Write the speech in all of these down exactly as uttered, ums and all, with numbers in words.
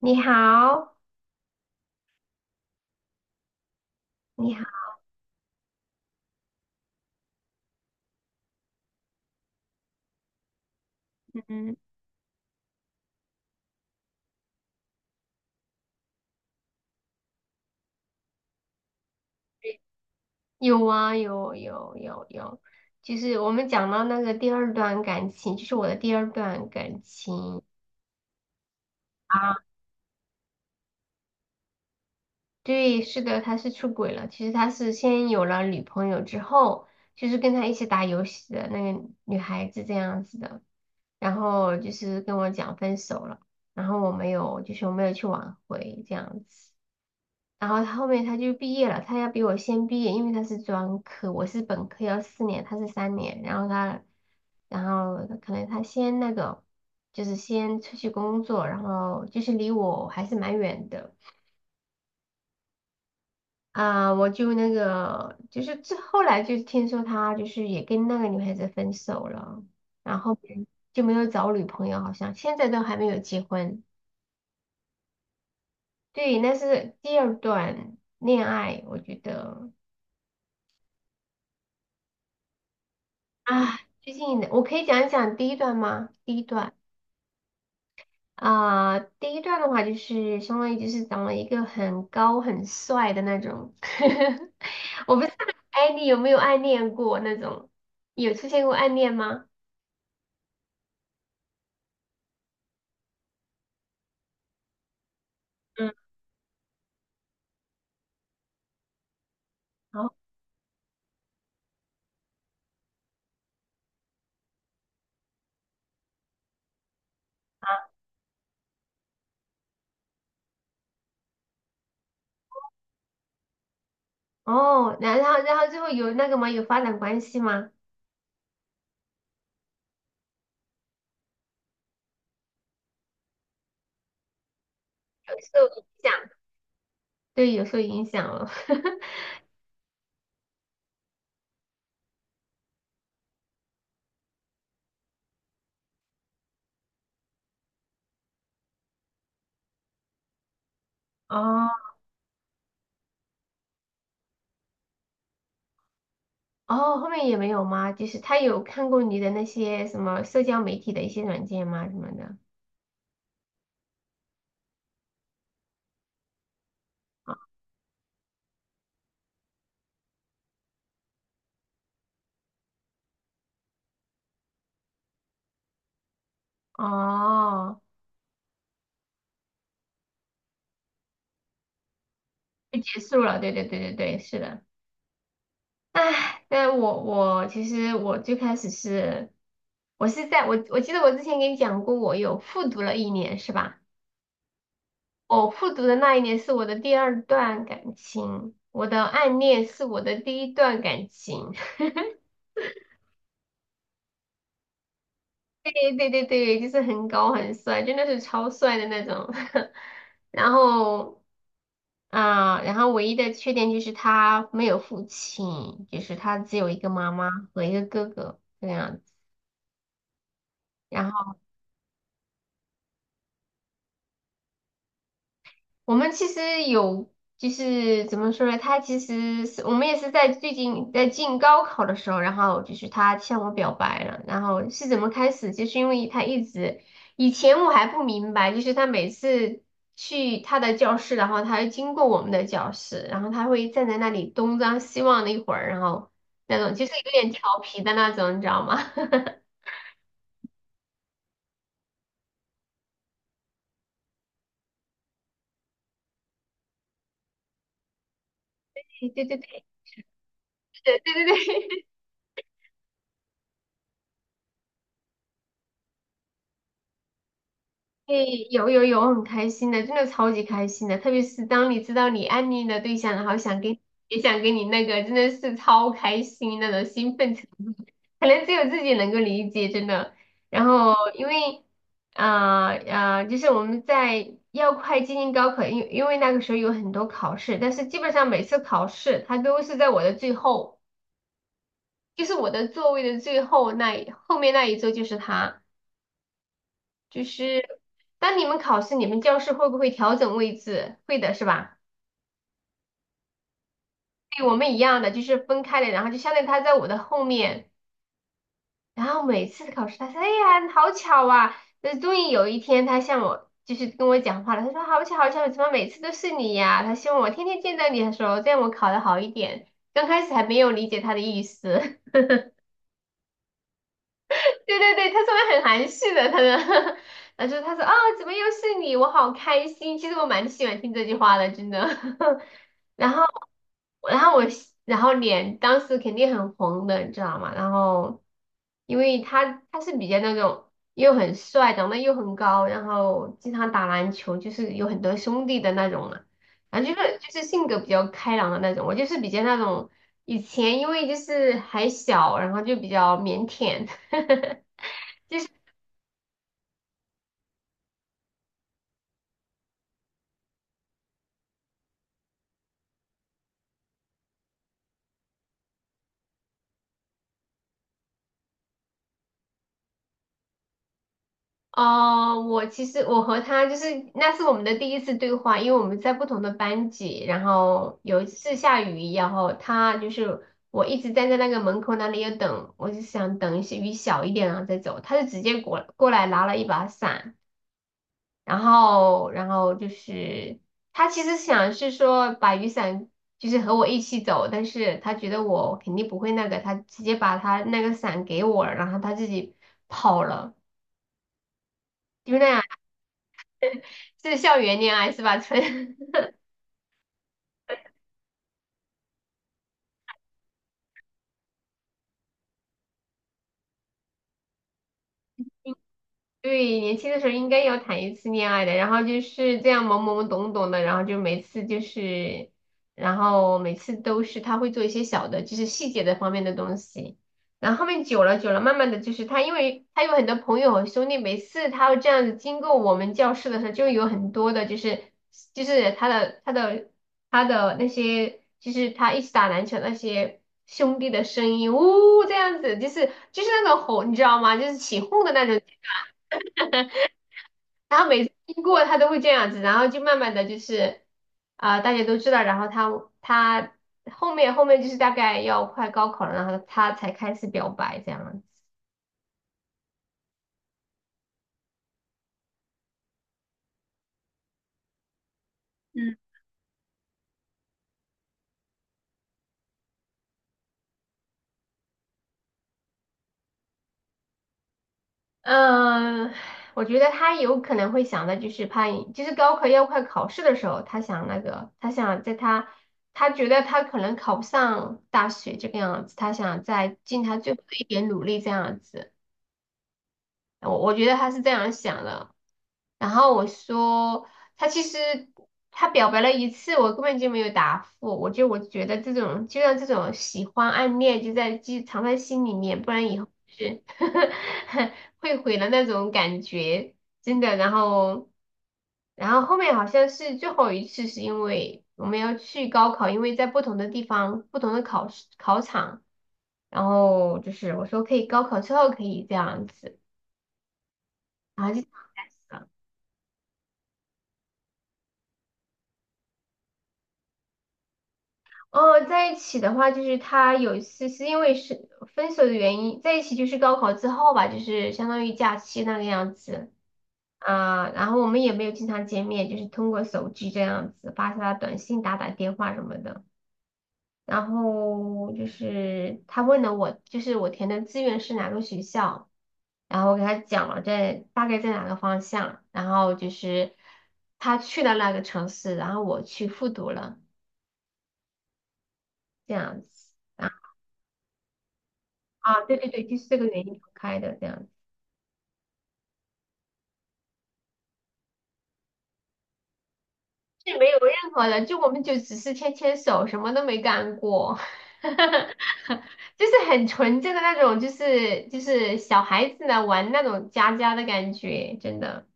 你好，你好，嗯，有啊，有有有有，就是我们讲到那个第二段感情，就是我的第二段感情啊，对，是的，他是出轨了。其实他是先有了女朋友之后，就是跟他一起打游戏的那个女孩子这样子的，然后就是跟我讲分手了，然后我没有，就是我没有去挽回这样子。然后他后面他就毕业了，他要比我先毕业，因为他是专科，我是本科要四年，他是三年，然后他，然后可能他先那个，就是先出去工作，然后就是离我还是蛮远的啊，我就那个，就是这后来就听说他就是也跟那个女孩子分手了，然后就没有找女朋友，好像现在都还没有结婚。对，那是第二段恋爱，我觉得。啊，最近的我可以讲一讲第一段吗？第一段啊，第一段的话就是相当于就是长了一个很高很帅的那种，我不知道，哎，你有没有暗恋过那种？有出现过暗恋吗？嗯，然后哦，然然后然后最后有那个吗？有发展关系吗？有受影响，对，有受影响了。哦，哦，后面也没有吗？就是他有看过你的那些什么社交媒体的一些软件吗？什么的？哦，就结束了，对对对对对，是的。唉，但我我其实我最开始是，我是在我我记得我之前给你讲过，我有复读了一年，是吧？我复读的那一年是我的第二段感情，我的暗恋是我的第一段感情。对对对对，就是很高很帅，真的是超帅的那种。然后啊，然后唯一的缺点就是他没有父亲，就是他只有一个妈妈和一个哥哥这个样子。然后。我们其实有，就是怎么说呢？他其实是我们也是在最近在进高考的时候，然后就是他向我表白了。然后是怎么开始？就是因为他一直以前我还不明白，就是他每次去他的教室，然后他会经过我们的教室，然后他会站在那里东张西望的一会儿，然后那种就是有点调皮的那种，你知道吗？对对对对对对对，诶，有有有，很开心的，真的超级开心的。特别是当你知道你暗恋的对象，然后想跟也想跟你那个，真的是超开心那种兴奋程度，可能只有自己能够理解，真的。然后因为啊啊、呃呃就是我们在要快接近高考，因因为那个时候有很多考试，但是基本上每次考试他都是在我的最后，就是我的座位的最后那一后面那一周就是他。就是当你们考试，你们教室会不会调整位置？会的，是吧？对我们一样的，就是分开的，然后就相当于他在我的后面，然后每次考试他说：“哎呀，好巧啊！”那终于有一天，他向我就是跟我讲话了，他说：“好巧，好巧，怎么每次都是你呀？”他希望我天天见到你，的时候，这样我考得好一点。刚开始还没有理解他的意思，对对对，他说的很含蓄的，他的，他是他说啊，怎么又是你？我好开心。其实我蛮喜欢听这句话的，真的。然后，然后我，然后脸当时肯定很红的，你知道吗？然后，因为他他是比较那种又很帅，长得又很高，然后经常打篮球，就是有很多兄弟的那种嘛。然后就是就是性格比较开朗的那种，我就是比较那种以前因为就是还小，然后就比较腼腆。哦，我其实我和他就是那是我们的第一次对话，因为我们在不同的班级，然后有一次下雨，然后他就是我一直站在那个门口那里要等，我就想等一些雨小一点然后再走，他就直接过过来拿了一把伞，然后然后就是他其实想是说把雨伞就是和我一起走，但是他觉得我肯定不会那个，他直接把他那个伞给我了然后他自己跑了，就那样。是校园恋爱是吧？纯对，年轻的时候应该要谈一次恋爱的，然后就是这样懵懵懂懂的，然后就每次就是，然后每次都是他会做一些小的，就是细节的方面的东西，然后后面久了久了，慢慢的就是他，因为他有很多朋友和兄弟，每次他这样子经过我们教室的时候，就有很多的，就是就是他的他的他的那些，就是他一起打篮球那些兄弟的声音，呜，这样子，就是就是那种吼，你知道吗？就是起哄的那种。然后每次经过他都会这样子，然后就慢慢的就是啊、大家都知道，然后他他后面后面就是大概要快高考了，然后他才开始表白这样子。嗯，我觉得他有可能会想的就是怕，就是高考要快考试的时候，他想那个，他想在他他觉得他可能考不上大学这个样子，他想再尽他最后的一点努力这样子。我我觉得他是这样想的。然后我说他其实他表白了一次，我根本就没有答复。我就我觉得这种就像这种喜欢暗恋就在记藏在心里面，不然以后是 会毁了那种感觉，真的。然后然后后面好像是最后一次，是因为我们要去高考，因为在不同的地方、不同的考试考场，然后就是我说可以高考之后可以这样子，然后就。这样开始了哦，在一起的话，就是他有一次是因为是分手的原因，在一起就是高考之后吧，就是相当于假期那个样子啊，然后我们也没有经常见面，就是通过手机这样子发发短信、打打电话什么的。然后就是他问了我，就是我填的志愿是哪个学校，然后我给他讲了在大概在哪个方向，然后就是他去了那个城市，然后我去复读了这样子。啊，对对对，就是这个原因分开的这样子，是没有任何的，就我们就只是牵牵手，什么都没干过，就是很纯正的那种，就是就是小孩子呢玩那种家家的感觉，真的，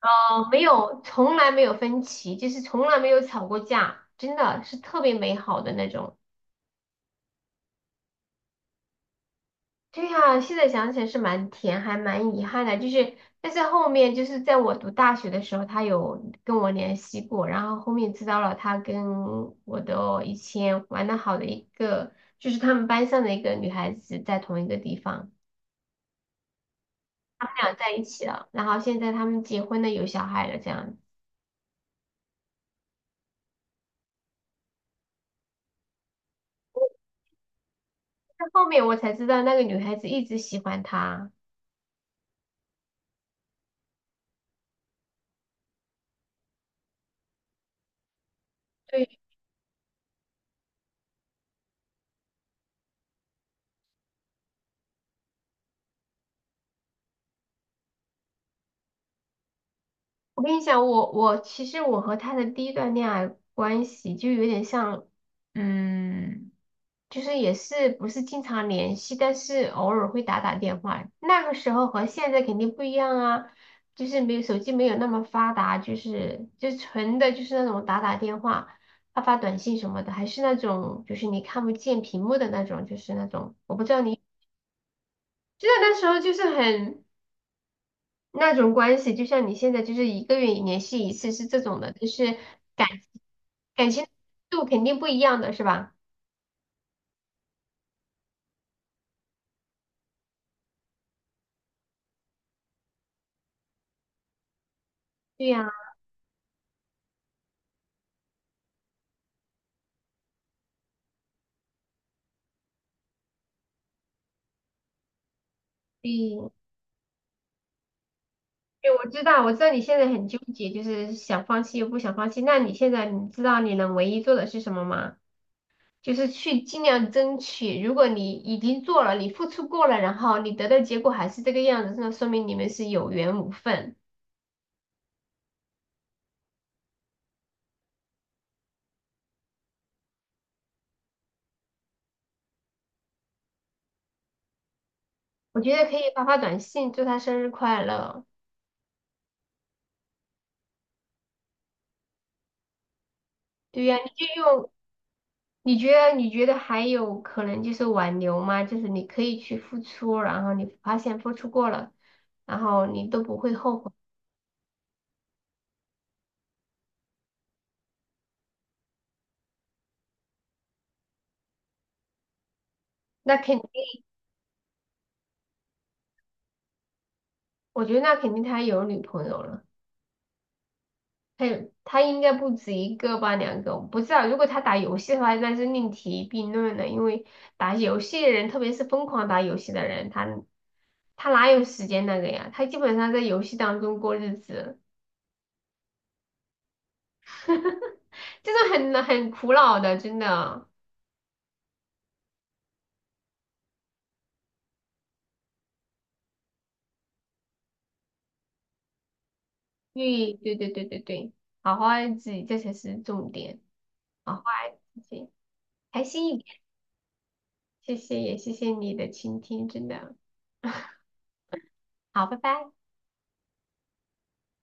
哦，没有，从来没有分歧，就是从来没有吵过架，真的是特别美好的那种。对呀，现在想起来是蛮甜，还蛮遗憾的。就是，但是后面就是在我读大学的时候，他有跟我联系过，然后后面知道了他跟我的以前玩的好的一个，就是他们班上的一个女孩子在同一个地方，他们俩在一起了，然后现在他们结婚了，有小孩了，这样子。但后面我才知道那个女孩子一直喜欢他。对，我跟你讲，我我其实我和他的第一段恋爱关系就有点像，嗯。就是也是不是经常联系，但是偶尔会打打电话。那个时候和现在肯定不一样啊，就是没有手机没有那么发达，就是就纯的就是那种打打电话、发发短信什么的，还是那种就是你看不见屏幕的那种，就是那种我不知道你，就是那时候就是很那种关系，就像你现在就是一个月联系一次是这种的，就是感感情度肯定不一样的是吧？对呀、对。对，我知道，我知道你现在很纠结，就是想放弃又不想放弃。那你现在你知道你能唯一做的是什么吗？就是去尽量争取。如果你已经做了，你付出过了，然后你得到结果还是这个样子，那说明你们是有缘无分。我觉得可以发发短信，祝他生日快乐。对呀，你就用，你觉得你觉得还有可能就是挽留吗？就是你可以去付出，然后你发现付出过了，然后你都不会后悔。那肯我觉得那肯定他有女朋友了，他有他应该不止一个吧，两个，我不知道。如果他打游戏的话，那是另提并论了，因为打游戏的人，特别是疯狂打游戏的人，他他哪有时间那个呀？他基本上在游戏当中过日子，就是很很苦恼的，真的。对对对对对对，好好爱自己，这才是重点，好好爱自己，开心一点。谢谢，也谢谢你的倾听，真的好，拜拜。